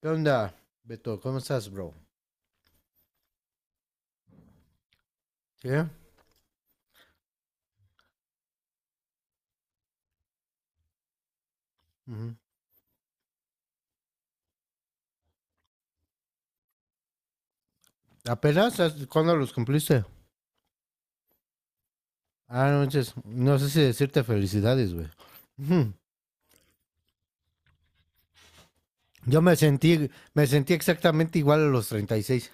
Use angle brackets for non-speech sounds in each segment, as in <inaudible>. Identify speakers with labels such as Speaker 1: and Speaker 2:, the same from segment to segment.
Speaker 1: ¿Qué onda, Beto? ¿Cómo estás, bro? ¿Sí? Ujú. ¿Apenas? ¿Cuándo los cumpliste? Ah, no, manches, no sé si decirte felicidades, güey. Ujú. Yo me sentí exactamente igual a los 36.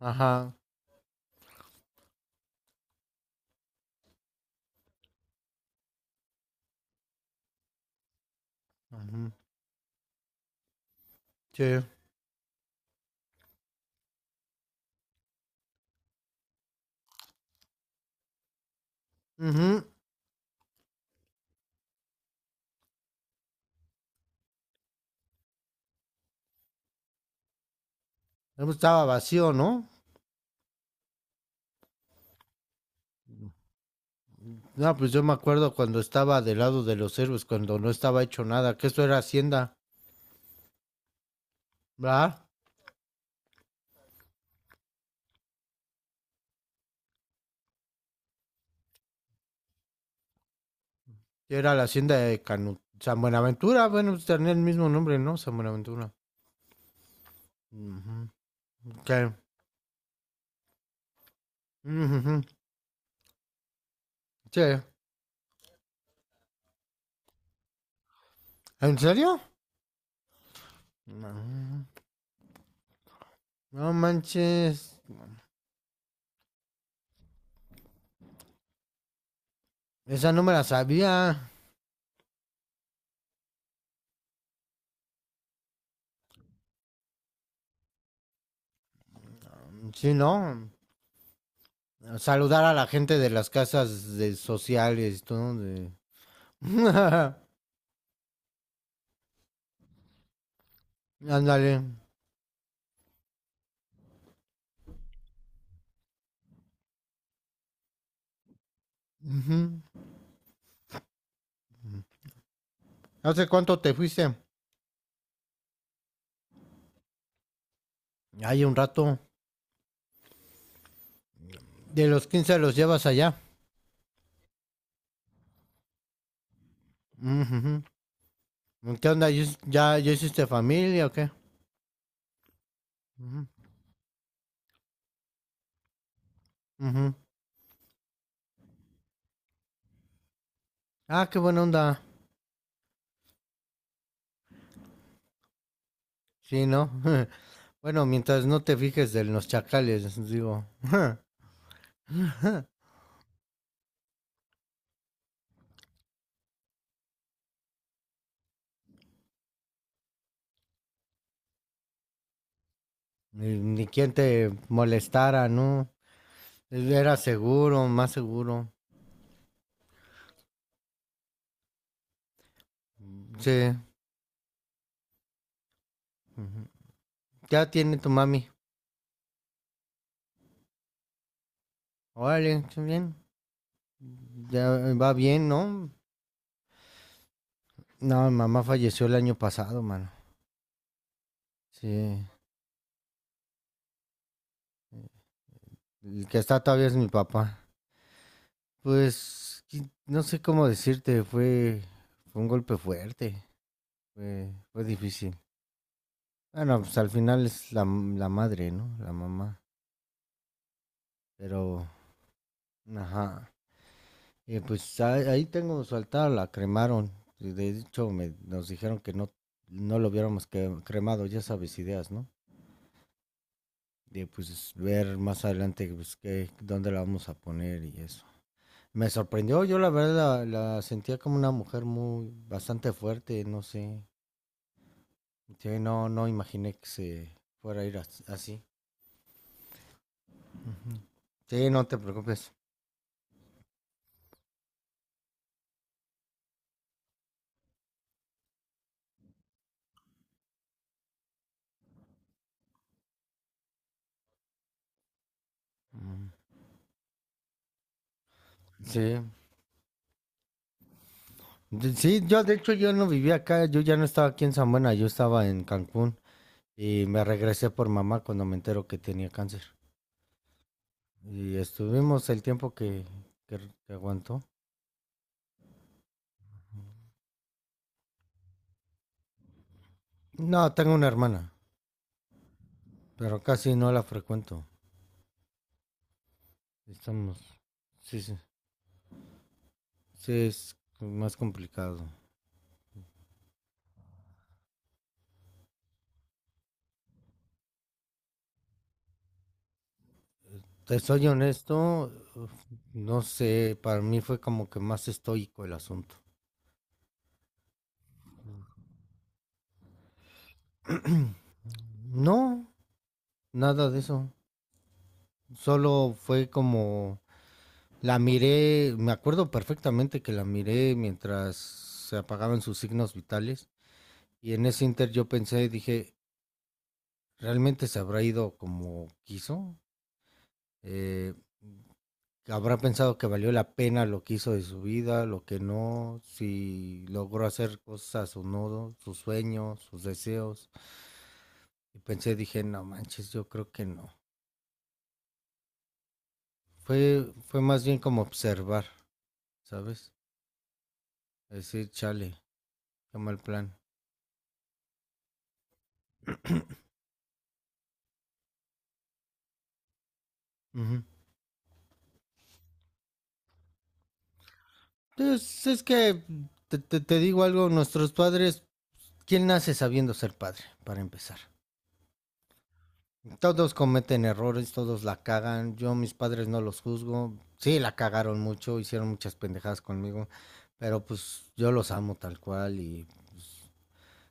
Speaker 1: Ajá. Ujú. Sí. Ujú. Yo estaba vacío, ¿no? No, pues yo me acuerdo cuando estaba del lado de los héroes, cuando no estaba hecho nada, que esto era hacienda, ¿verdad? Que era la hacienda de Canu, San Buenaventura, bueno, pues tenía el mismo nombre, ¿no? San Buenaventura. Ujú. ¿Qué? Ujujú. Sí. ¿En serio? No, no manches. Esa no me la sabía. Sí, ¿no? Saludar a la gente de las casas de sociales, todo de... <laughs> Ándale. Ujú. ¿Hace cuánto te fuiste? Hay un rato. De los 15 los llevas allá. Ujujú. ¿Qué onda? ¿Ya hiciste familia o qué? Ujú, ujú. Ah, qué buena onda. Sí, ¿no? <laughs> Bueno, mientras no te fijes de los chacales, digo. <laughs> Ni quien te molestara, ¿no? Era seguro, más seguro. Sí. Ujú. Ya tiene tu mami. Órale, está bien. Ya va bien, ¿no? No, mi mamá falleció el año pasado, mano. Sí. El que está todavía es mi papá. Pues, no sé cómo decirte, fue un golpe fuerte. Fue difícil. Bueno, pues al final es la madre, ¿no? La mamá. Pero, ajá. Pues ahí tengo su altar, la cremaron. Y de hecho, nos dijeron que no lo hubiéramos cremado, ya sabes, ideas, ¿no? De pues ver más adelante pues, qué, dónde la vamos a poner y eso. Me sorprendió, yo la verdad la sentía como una mujer bastante fuerte, no sé. Sí, no imaginé que se fuera a ir así. Ujú. Sí, no te preocupes. Mm. Sí. Sí, yo de hecho yo no vivía acá, yo ya no estaba aquí en San Buena, yo estaba en Cancún. Y me regresé por mamá cuando me entero que tenía cáncer. Y estuvimos el tiempo que, que aguantó. No, tengo una hermana, pero casi no la frecuento. Estamos. Sí, sí. Sí, es más complicado. Te soy honesto, no sé, para mí fue como que más estoico el asunto. No, nada de eso. Solo fue como la miré, me acuerdo perfectamente que la miré mientras se apagaban sus signos vitales. Y en ese inter yo pensé, dije, ¿realmente se habrá ido como quiso? Eh, ¿Habrá pensado que valió la pena lo que hizo de su vida, lo que no, si logró hacer cosas o no, sus sueños, sus deseos? Y pensé, dije, no manches, yo creo que no. Fue más bien como observar, ¿sabes? Decir, chale, qué mal plan. Ujú. Entonces, es que te digo algo, nuestros padres, ¿quién nace sabiendo ser padre, para empezar? Todos cometen errores, todos la cagan. Yo mis padres no los juzgo. Sí, la cagaron mucho, hicieron muchas pendejadas conmigo, pero pues yo los amo tal cual y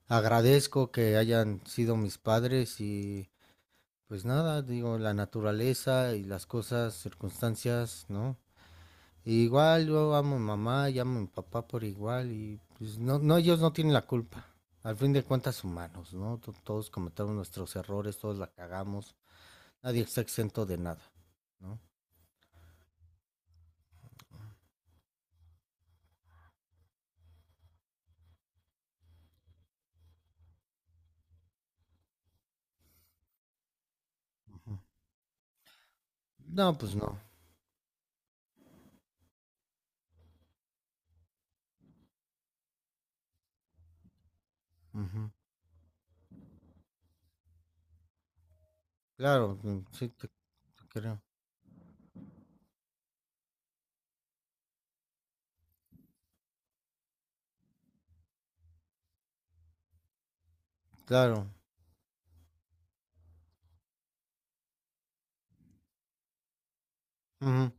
Speaker 1: agradezco que hayan sido mis padres y pues nada, digo, la naturaleza y las cosas, circunstancias, ¿no? Y igual yo amo a mi mamá y amo a mi papá por igual y pues no ellos no tienen la culpa. Al fin de cuentas humanos, ¿no? Todos cometemos nuestros errores, todos la cagamos. Nadie está exento de nada, ¿no? Ujú. No, pues no. Ujú. Claro, sí, te creo. Claro. Ujú.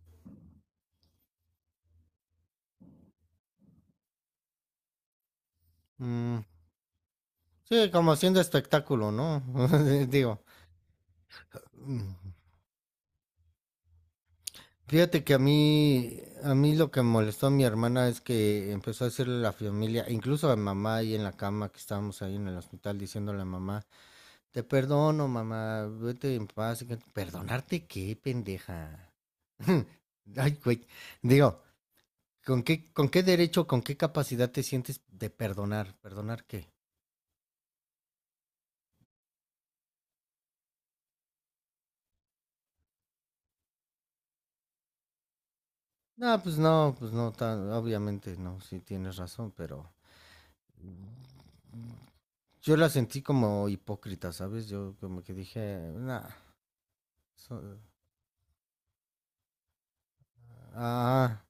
Speaker 1: Mm, sí, como haciendo espectáculo, ¿no? <laughs> Digo, mm, fíjate que a mí lo que molestó a mi hermana es que empezó a decirle a la familia, incluso a mamá ahí en la cama que estábamos ahí en el hospital, diciéndole a mamá, te perdono, mamá, vete en paz. ¿Perdonarte qué, pendeja? <laughs> Ay, güey. Digo, ¿Con qué derecho, con qué capacidad te sientes de perdonar? ¿Perdonar qué? No, pues no, pues no, obviamente no, sí tienes razón, pero yo la sentí como hipócrita, ¿sabes? Yo como que dije, nah, so- ah,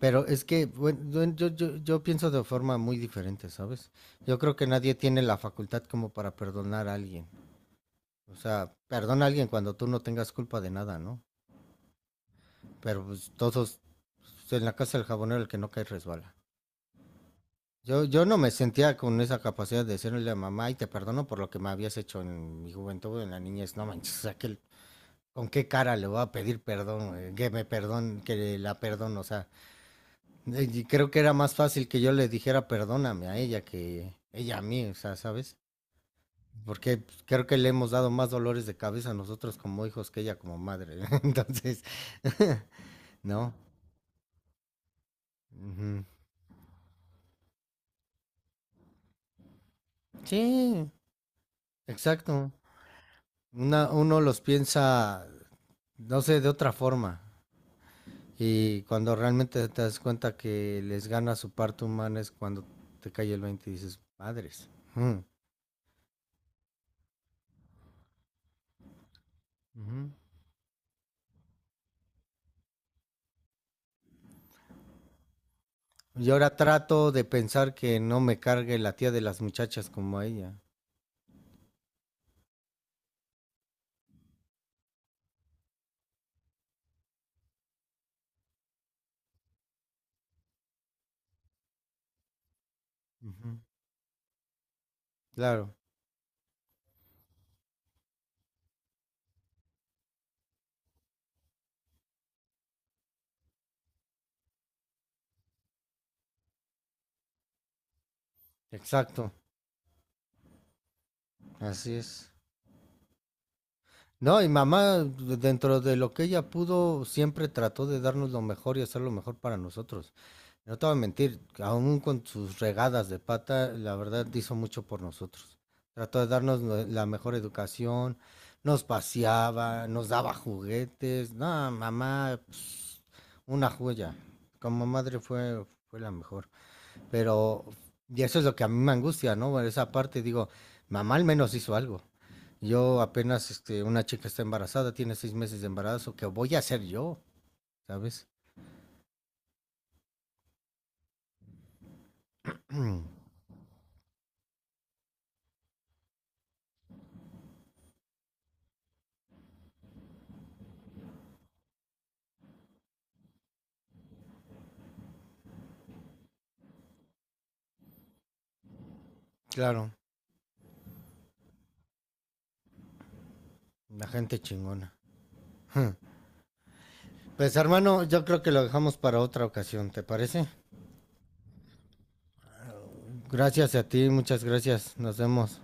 Speaker 1: pero es que bueno, yo pienso de forma muy diferente, ¿sabes? Yo creo que nadie tiene la facultad como para perdonar a alguien. O sea, perdona a alguien cuando tú no tengas culpa de nada, ¿no? Pero pues, todos, pues, en la casa del jabonero el que no cae resbala. Yo no me sentía con esa capacidad de decirle a mamá, y te perdono por lo que me habías hecho en mi juventud, en la niñez, no manches, o sea, que, ¿con qué cara le voy a pedir perdón, güey? Que la perdono, o sea, y creo que era más fácil que yo le dijera perdóname a ella que ella a mí, o sea, ¿sabes? Porque pues, creo que le hemos dado más dolores de cabeza a nosotros como hijos que ella como madre, <laughs> entonces, <laughs> no. Ujú. Sí, exacto. Uno los piensa no sé, de otra forma. Y cuando realmente te das cuenta que les gana su parte humana es cuando te cae el 20 y dices, madres. Mm. Ujú. Y ahora trato de pensar que no me cargue la tía de las muchachas como a ella. Ujú. Claro, exacto, así es. No, y mamá, dentro de lo que ella pudo, siempre trató de darnos lo mejor y hacer lo mejor para nosotros. No te voy a mentir, aún con sus regadas de pata, la verdad hizo mucho por nosotros. Trató de darnos la mejor educación, nos paseaba, nos daba juguetes. No, mamá, pues, una joya. Como madre fue la mejor. Pero, y eso es lo que a mí me angustia, ¿no? Bueno, esa parte, digo, mamá al menos hizo algo. Yo apenas, una chica está embarazada, tiene 6 meses de embarazo, ¿qué voy a hacer yo? ¿Sabes? <clears throat> Claro, la gente chingona. Pues hermano, yo creo que lo dejamos para otra ocasión, ¿te parece? Gracias a ti, muchas gracias, nos vemos.